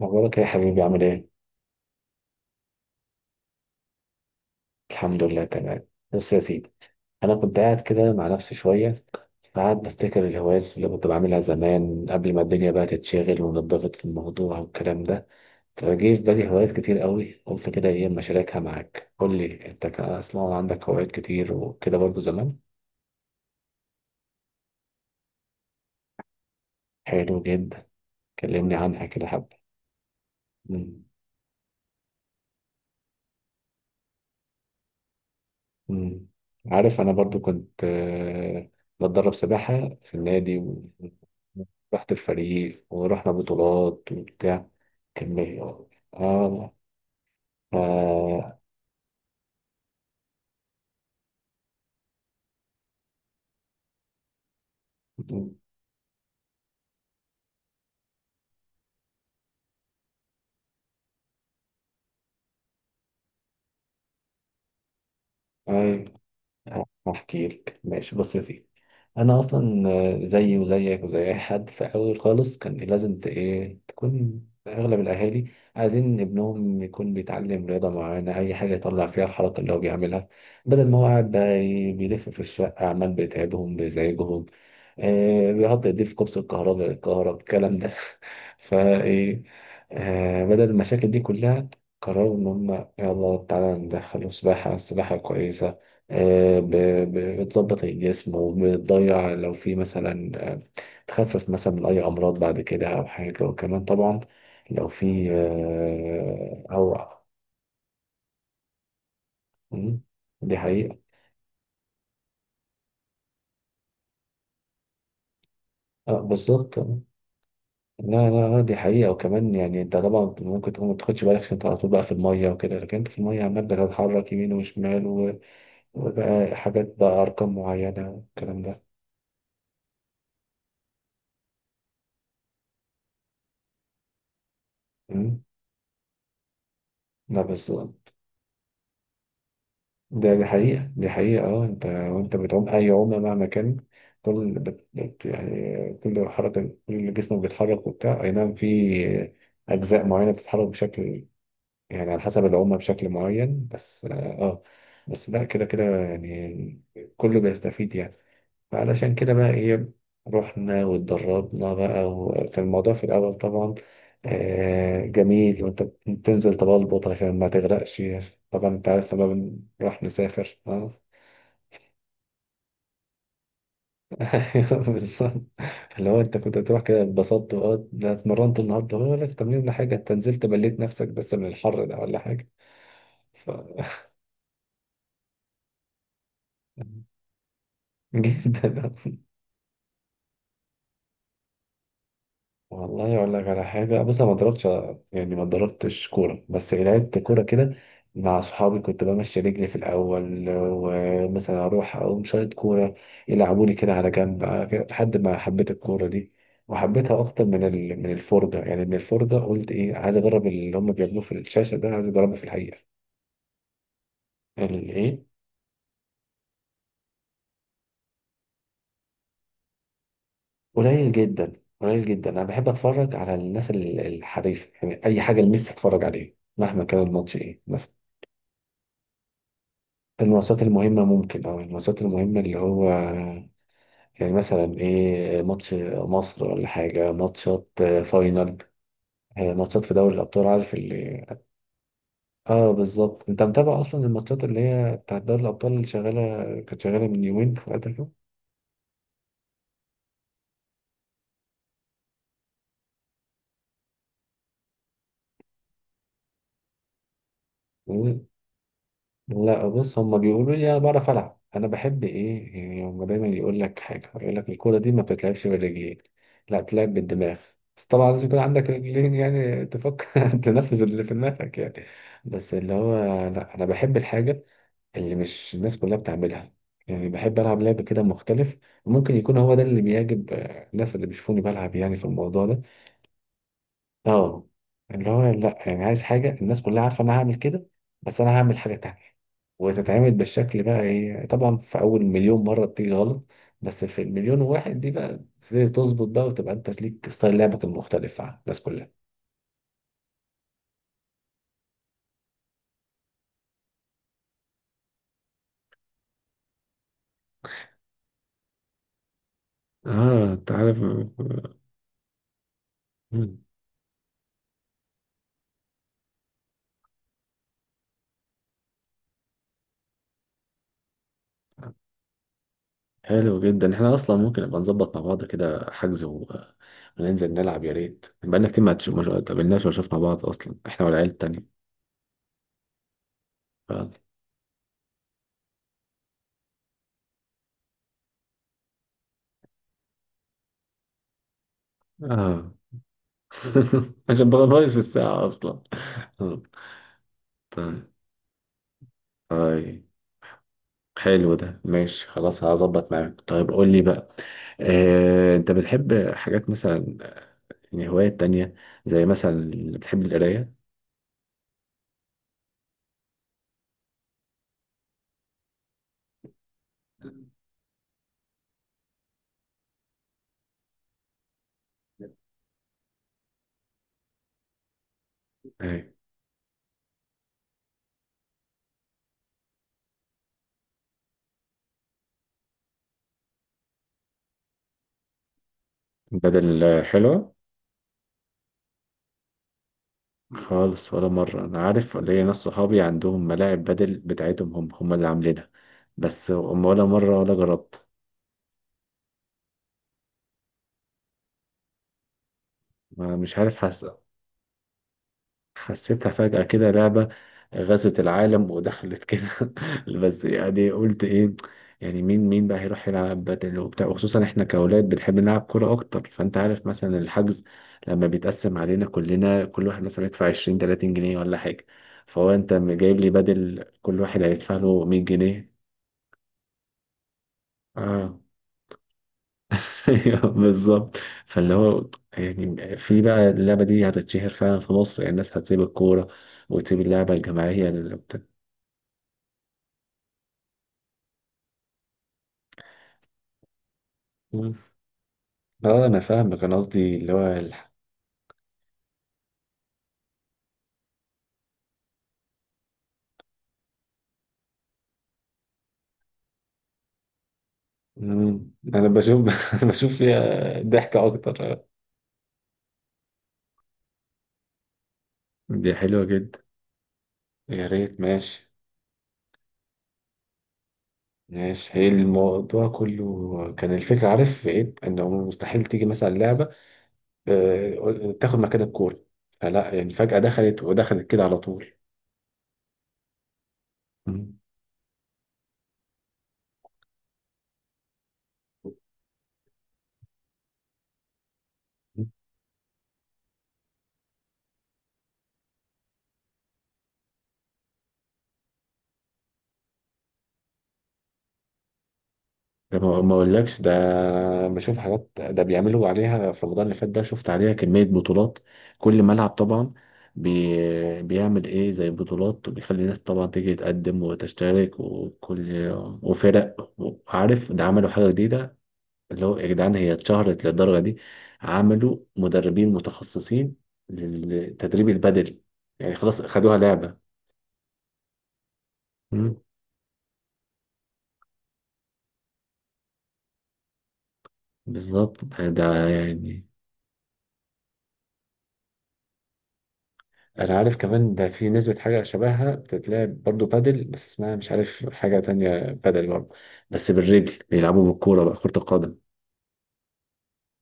مبروك يا حبيبي، عامل ايه؟ الحمد لله، تمام. بص يا سيدي، انا كنت قاعد كده مع نفسي شويه، قاعد بفتكر الهوايات اللي كنت بعملها زمان قبل ما الدنيا بقى تتشغل ونضغط في الموضوع والكلام ده. فجه في بالي هوايات كتير قوي، قلت كده ايه اما اشاركها معاك. قول لي انت، كان اسمع عندك هوايات كتير وكده برضو زمان. حلو جدا، كلمني عنها كده حبه. مم. مم. عارف، انا برضو كنت بتدرب سباحة في النادي ورحت الفريق ورحنا بطولات وبتاع. كان اه. آه، ايوه، هحكي لك، ماشي، بص يا سيدي. انا اصلا زيي وزيك وزي اي حد، في اول خالص كان لازم ايه تكون. اغلب الاهالي عايزين ابنهم يكون بيتعلم رياضه معينه، اي حاجه يطلع فيها الحركه اللي هو بيعملها، بدل ما هو قاعد بقى بيلف في الشقه عمال بيتعبهم بيزعجهم. آه، بيحط ايديه في كبس الكهرباء، الكلام ده. فايه، آه، بدل المشاكل دي كلها قرروا ان هم، يلا تعالى ندخله سباحه. السباحه كويسه، آه، ب- بتظبط الجسم وبتضيع لو في مثلا تخفف مثلا من أي أمراض بعد كده أو حاجة. وكمان طبعا لو في أو... مم، دي حقيقة. بالظبط. لا لا، دي حقيقة. وكمان يعني أنت طبعا ممكن تكون ما تاخدش بالك عشان أنت على طول بقى في المية وكده، لكن أنت في المية عمال بتتحرك يمين وشمال وبقى حاجات بقى أرقام معينة والكلام ده. مم، لا، بالظبط. ده دي حقيقة دي حقيقة، اه. انت وانت بتعوم اي عومة مهما كان، يعني كل حركة كل جسمك بيتحرك وبتاع، اي نعم، في اجزاء معينة بتتحرك بشكل، يعني على حسب العمة بشكل معين، بس اه. آه. بس لا، كده كده يعني كله بيستفيد يعني. فعلشان كده بقى ايه، رحنا واتدربنا بقى. وكان الموضوع في الأول طبعا آه جميل، وانت بتنزل تبلبط عشان ما تغرقش. طبعا انت عارف لما بنروح نسافر اه. أيوة، بالظبط. اللي هو انت كنت تروح كده اتبسطت اه، ده اتمرنت النهارده ولا تمرين ولا حاجه، انت نزلت بليت نفسك بس من الحر ده ولا حاجه. ف... جدا. والله اقول لك على حاجه، بص انا ما ضربتش، يعني ما ضربتش كوره، بس إيه، لعبت كوره كده مع صحابي. كنت بمشي رجلي في الاول ومثلا اروح اقوم شايط كوره، يلعبوني كده على جنب، لحد ما حبيت الكوره دي وحبيتها اكتر من من الفرجه، يعني من الفرجه قلت ايه، عايز اجرب اللي هم بيعملوه في الشاشه ده، عايز اجربه في الحقيقه. الايه؟ قليل جدا، قليل جدا. انا بحب اتفرج على الناس الحريفه، يعني اي حاجه لميسي اتفرج عليها مهما كان الماتش ايه، بس. الماتشات المهمة ممكن، أو الماتشات المهمة اللي هو يعني مثلا إيه، ماتش مصر ولا حاجة، ماتشات فاينل، ماتشات في دوري الأبطال، عارف اللي... آه بالظبط. أنت متابع أصلا الماتشات اللي هي بتاعت دوري الأبطال اللي شغالة؟ كانت شغالة من يومين ثلاثة كده. لا، بص، هما بيقولوا لي انا بعرف العب، انا بحب ايه يعني، هما دايما يقول لك حاجه، يقول لك الكوره دي ما بتتلعبش بالرجلين، لا تلعب بالدماغ. بس طبعا لازم يكون عندك رجلين يعني، تفكر تنفذ اللي في دماغك يعني. بس اللي هو لا، انا بحب الحاجه اللي مش الناس كلها بتعملها، يعني بحب العب لعب كده مختلف. وممكن يكون هو ده اللي بيعجب الناس اللي بيشوفوني بلعب، يعني في الموضوع ده. اه. اللي هو لا، يعني عايز حاجة الناس كلها عارفة إن أنا هعمل كده، بس أنا هعمل حاجة تانية، وتتعمل بالشكل بقى إيه. طبعا في أول مليون مرة بتيجي غلط، بس في المليون واحد دي بقى تبتدي تظبط بقى، وتبقى أنت ليك ستايل لعبك المختلف عن الناس كلها. اه انت عارف. مم. حلو جدا، احنا اصلا ممكن نبقى نظبط مع بعض كده، حجز و... وننزل نلعب، يا ريت. بقالنا كتير ما تش- ما شو- قابلناش ولا شفنا بعض اصلا، احنا والعيال التانية. ف... اه. عشان بقى ناقص في الساعة أصلا. آه، طيب. طيب، حلو ده، ماشي، خلاص هظبط معاك. طيب قول لي بقى، أنت بتحب حاجات مثلا، يعني هوايات تانية، زي مثلا بتحب القراية؟ أي. بدل حلوة؟ خالص، ولا مرة. أنا عارف ليا ناس صحابي عندهم ملاعب بدل بتاعتهم، هم اللي عاملينها، بس ولا مرة ولا جربت. ما مش عارف، حاسس حسيتها فجأة كده لعبة غزت العالم ودخلت كده. بس يعني قلت ايه، يعني مين بقى هيروح يلعب بدل وبتاع، وخصوصا احنا كأولاد بنحب نلعب كورة أكتر. فأنت عارف مثلا الحجز لما بيتقسم علينا كلنا، كل واحد مثلا يدفع 20 30 جنيه ولا حاجة، فهو أنت جايب لي بدل كل واحد هيدفع له 100 جنيه. اه. أيوه، بالظبط. فاللي هو يعني، في بقى اللعبة دي هتتشهر فعلا في مصر، يعني الناس هتسيب الكورة وتسيب اللعبة الجماعية؟ مم. اه انا فاهمك، انا قصدي اللي هو الح... مم. انا بشوف بشوف فيها ضحكة اكتر. دي حلوة جدا. يا ريت، ماشي. ماشي، هي الموضوع كله كان الفكرة، عارف في ايه، انه مستحيل تيجي مثلا لعبة تاخد مكان الكورة، فلا، يعني فجأة دخلت ودخلت كده على طول. مم. ده ما اقولكش، ده بشوف حاجات ده بيعملوا عليها في رمضان اللي فات ده، شفت عليها كمية بطولات، كل ملعب طبعا بيعمل ايه زي بطولات، وبيخلي الناس طبعا تيجي تقدم وتشترك وكل وفرق. وعارف، ده عملوا حاجة جديدة، اللي هو يا جدعان هي اتشهرت للدرجة دي عملوا مدربين متخصصين للتدريب البدني، يعني خلاص خدوها لعبة. مم. بالظبط، ده يعني. انا عارف كمان ده، في نسبة حاجة شبهها بتتلعب برضو بادل، بس اسمها مش عارف، حاجة تانية بادل برضو، بس بالرجل بيلعبوا بالكورة بقى، كرة القدم.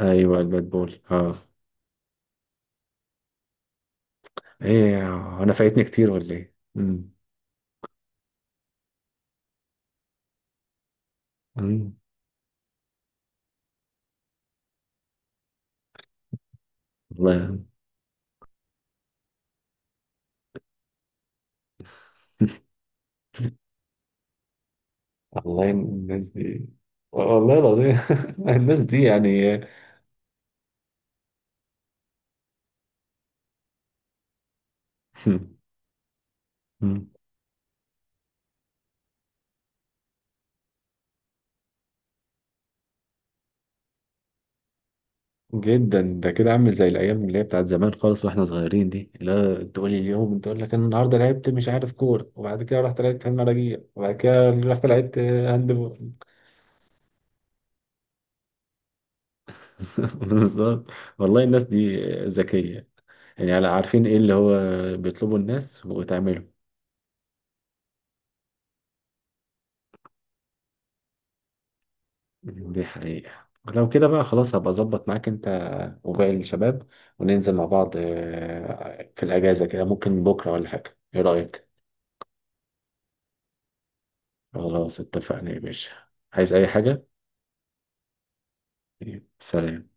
ايوه الباد بول، اه. ايه، انا فايتني كتير ولا ايه؟ مم. مم. والله. والله الناس دي، والله العظيم. الناس دي يعني. مم. جدا، ده كده عامل زي الايام اللي هي بتاعت زمان خالص واحنا صغيرين دي. لا تقول لي اليوم، تقول لك انا النهارده لعبت مش عارف كوره وبعد كده رحت لعبت في المراجيح وبعد كده رحت لعبت هاند بول. بالظبط. والله الناس دي ذكيه، يعني على عارفين ايه اللي هو بيطلبوا الناس وتعمله. دي حقيقه. لو كده بقى خلاص، هبقى اظبط معاك انت وباقي الشباب، وننزل مع بعض في الاجازه كده، ممكن بكره ولا حاجه، ايه رايك؟ خلاص اتفقنا يا باشا، عايز اي حاجه. طيب، سلام.